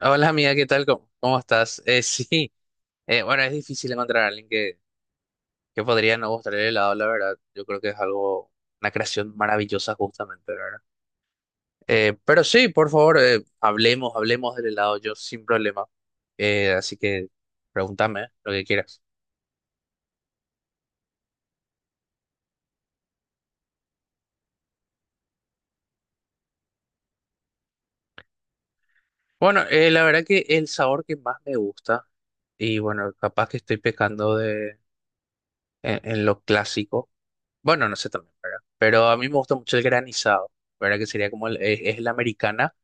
Hola amiga, ¿qué tal? ¿¿Cómo estás? Sí, bueno, es difícil encontrar a alguien que podría no gustar el helado, la verdad. Yo creo que es algo, una creación maravillosa justamente, ¿la verdad? Pero sí, por favor, hablemos, hablemos del helado, yo sin problema. Así que pregúntame lo que quieras. Bueno, la verdad que el sabor que más me gusta, y bueno, capaz que estoy pecando de, en lo clásico, bueno, no sé también, ¿verdad? Pero a mí me gusta mucho el granizado, ¿verdad? Que sería como es la americana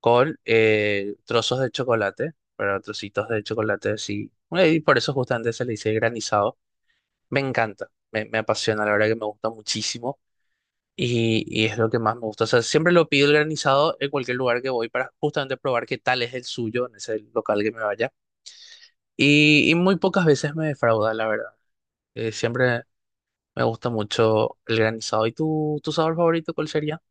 con trozos de chocolate, pero trocitos de chocolate así. Y por eso justamente se le dice granizado. Me encanta, me apasiona, la verdad que me gusta muchísimo y es lo que más me gusta. O sea, siempre lo pido el granizado en cualquier lugar que voy para justamente probar qué tal es el suyo en ese local que me vaya. Y muy pocas veces me defrauda, la verdad. Siempre me gusta mucho el granizado. ¿Y tu sabor favorito cuál sería?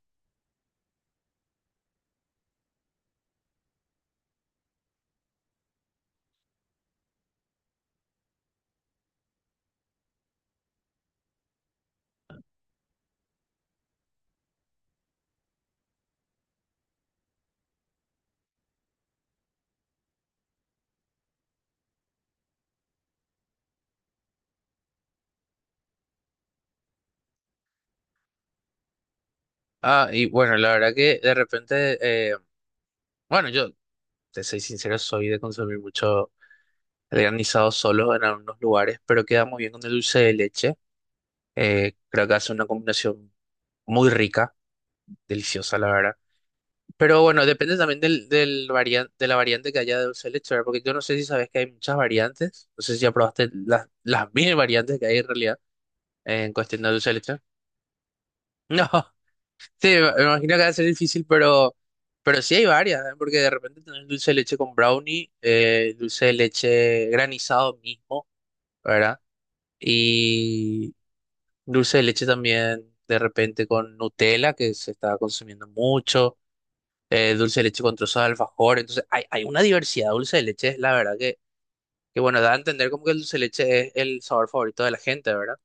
Ah, y bueno, la verdad que de repente, eh, bueno, yo te soy sincero, soy de consumir mucho el granizado solo en algunos lugares, pero queda muy bien con el dulce de leche. Creo que hace una combinación muy rica, deliciosa, la verdad. Pero bueno, depende también del de la variante que haya de dulce de leche, ¿verdad? Porque yo no sé si sabes que hay muchas variantes. No sé si ya probaste las mil variantes que hay en realidad en cuestión de dulce de leche. No, sí, me imagino que va a ser difícil, pero sí hay varias, ¿eh? Porque de repente tenés dulce de leche con brownie, dulce de leche granizado mismo. ¿Verdad? Y dulce de leche también, de repente con Nutella, que se está consumiendo mucho, dulce de leche con trozos de alfajor, entonces hay una diversidad de dulce de leche, la verdad que bueno, da a entender como que el dulce de leche es el sabor favorito de la gente, ¿verdad?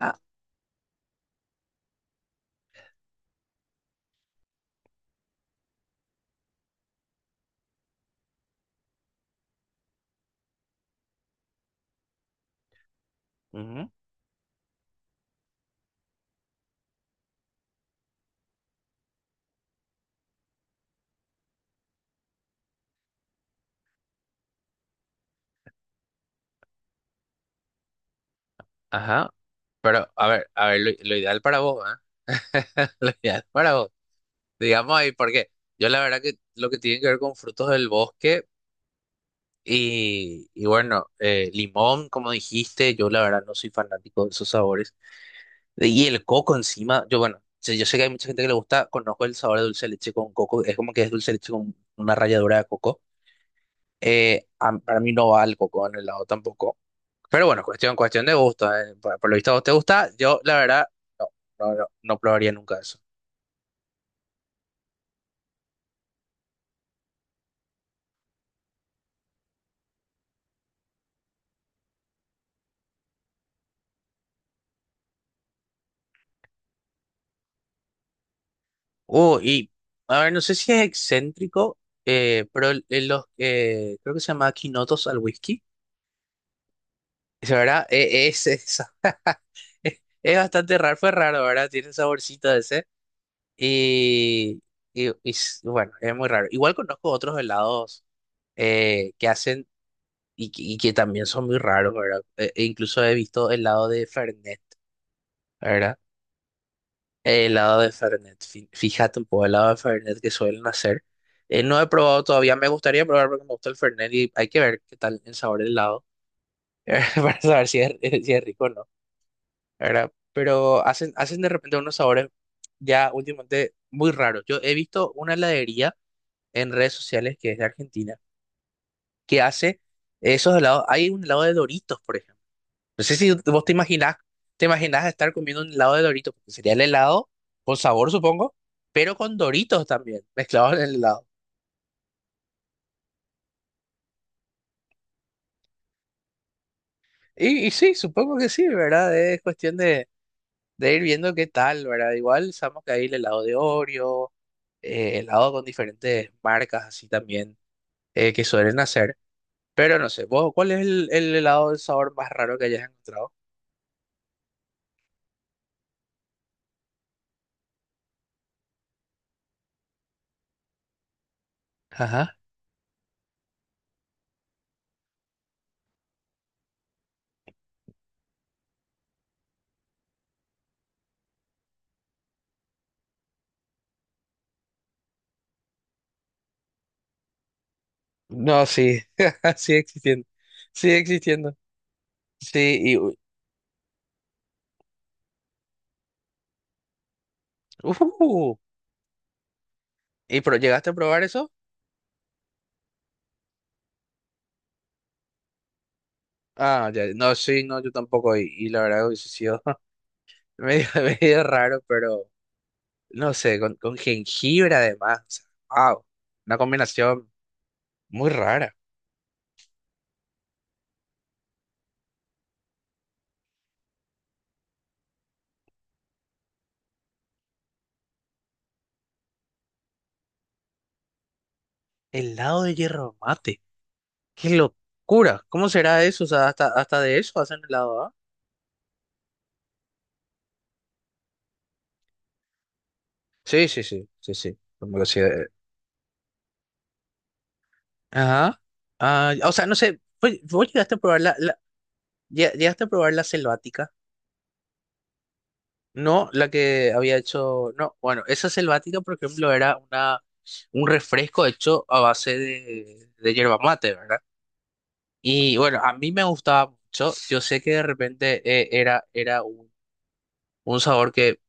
Ah, ujú, ajá, pero a ver, lo ideal para vos, ¿eh? Lo ideal para vos, digamos ahí, porque yo la verdad que lo que tiene que ver con frutos del bosque, y bueno, limón, como dijiste, yo la verdad no soy fanático de esos sabores. Y el coco encima, yo bueno, yo sé que hay mucha gente que le gusta, conozco el sabor de dulce de leche con coco, es como que es dulce de leche con una ralladura de coco. Para mí no va el coco en el helado tampoco. Pero bueno, cuestión, cuestión de gusto, eh. Por lo visto a vos te gusta, yo la verdad no, no, no, no probaría nunca eso. Y a ver, no sé si es excéntrico, pero creo que se llama quinotos al whisky. Esa, ¿verdad? Esa. Es bastante raro, fue raro, ¿verdad? Tiene saborcito ese. Y, y, bueno, es muy raro. Igual conozco otros helados que hacen y que también son muy raros, ¿verdad? E incluso he visto helado de Fernet, ¿verdad? Helado de Fernet. Fíjate un poco, helado de Fernet que suelen hacer. No he probado todavía, me gustaría probar porque me gusta el Fernet y hay que ver qué tal el sabor del helado para saber si es, si es rico o no. ¿Verdad? Pero hacen, hacen de repente unos sabores ya últimamente muy raros. Yo he visto una heladería en redes sociales que es de Argentina, que hace esos helados. Hay un helado de Doritos, por ejemplo. No sé si vos te imaginás estar comiendo un helado de Doritos, porque sería el helado con sabor, supongo, pero con Doritos también, mezclados en el helado. Y sí, supongo que sí, ¿verdad? Es cuestión de ir viendo qué tal, ¿verdad? Igual sabemos que hay el helado de Oreo, helado con diferentes marcas así también que suelen hacer. Pero no sé, vos, ¿cuál es el helado del sabor más raro que hayas encontrado? Ajá. No, sí, sigue existiendo, sigue existiendo. Sí, y, uh, ¿y pero llegaste a probar eso? Ah, ya, no, sí, no, yo tampoco, y la verdad hubiese sido medio, medio raro, pero no sé, con jengibre además, o sea, wow, una combinación muy rara. Helado de hierro mate, qué locura, ¿cómo será eso? O sea, hasta, hasta de eso hacen helado, ¿ah? Sí, sí, sí, sí, sí. Como que sí, ajá. Ah, o sea, no sé, pues, vos llegaste a probar la llegaste a probar la selvática. No, la que había hecho, no, bueno, esa selvática, por ejemplo, era una un refresco hecho a base de yerba mate, ¿verdad? Y bueno, a mí me gustaba mucho. Yo sé que de repente era un sabor que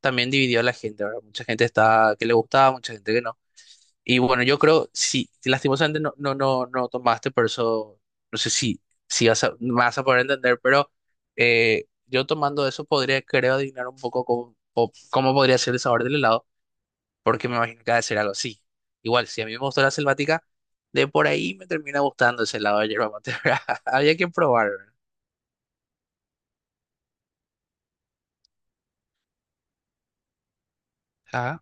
también dividió a la gente, ¿verdad? Mucha gente estaba que le gustaba, mucha gente que no. Y bueno, yo creo, sí, lastimosamente no, no, no, no tomaste, por eso no sé si, si vas a, me vas a poder entender, pero yo tomando eso podría, creo, adivinar un poco cómo podría ser el sabor del helado, porque me imagino que ha de ser algo así. Igual, si a mí me gustó la selvática, de por ahí me termina gustando ese helado de yerba mate. ¿Verdad? Había que probar, ¿verdad? Ah,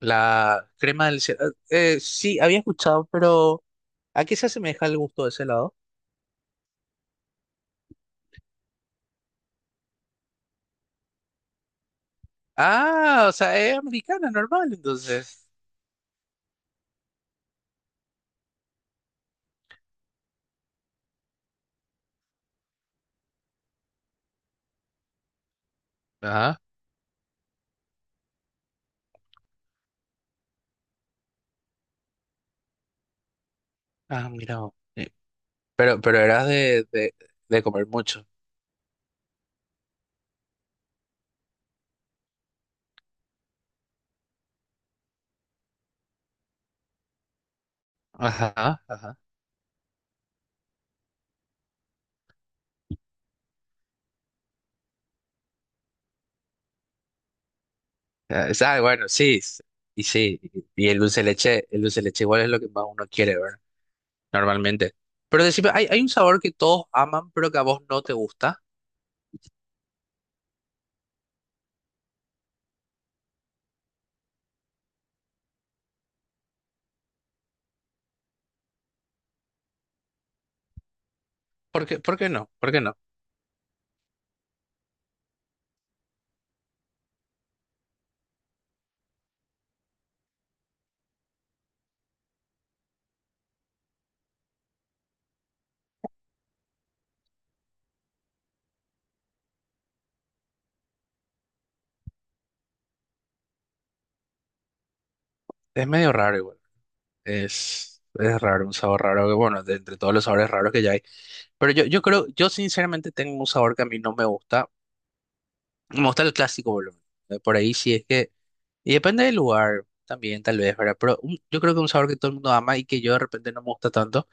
la crema del Sí, había escuchado, pero ¿a qué se asemeja el gusto de ese helado? Ah, o sea, es americana, normal, entonces. Ajá. Ah, mira vos. Pero eras de comer mucho. Ajá, ajá. Bueno, sí. Y sí. Y el dulce de leche, el dulce de leche igual es lo que más uno quiere, ¿verdad? Normalmente. Pero decime, ¿hay, hay un sabor que todos aman, pero que a vos no te gusta? Por qué no? ¿Por qué no? Es medio raro igual. Es raro, un sabor raro que, bueno, de entre todos los sabores raros que ya hay. Pero yo creo, yo sinceramente tengo un sabor que a mí no me gusta. Me gusta el clásico, boludo. Por ahí sí es que. Y depende del lugar también, tal vez, ¿verdad? Pero yo creo que un sabor que todo el mundo ama y que yo de repente no me gusta tanto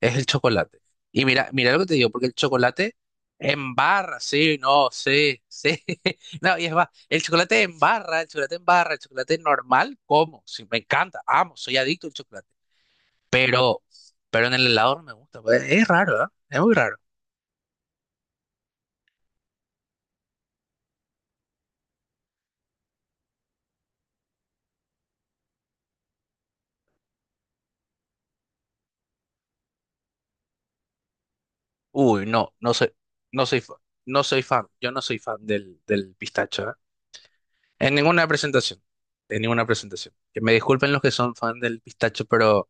es el chocolate. Y mira, mira lo que te digo, porque el chocolate en barra, sí, no, sí, sí. No, y es va, el chocolate en barra, el chocolate en barra, el chocolate normal, como, sí, me encanta, amo, soy adicto al chocolate. Pero, pero en el helado no me gusta, pues, es raro, ¿verdad? Es muy raro. Uy, no, no soy, fa- no soy fan, yo no soy fan del pistacho, ¿eh? En ninguna presentación. En ninguna presentación. Que me disculpen los que son fan del pistacho, pero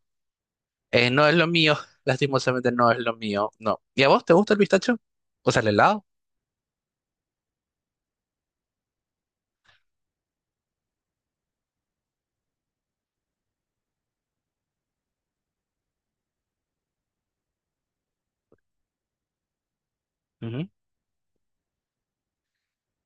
no es lo mío. Lastimosamente no es lo mío. No. ¿Y a vos te gusta el pistacho? O sea, el helado.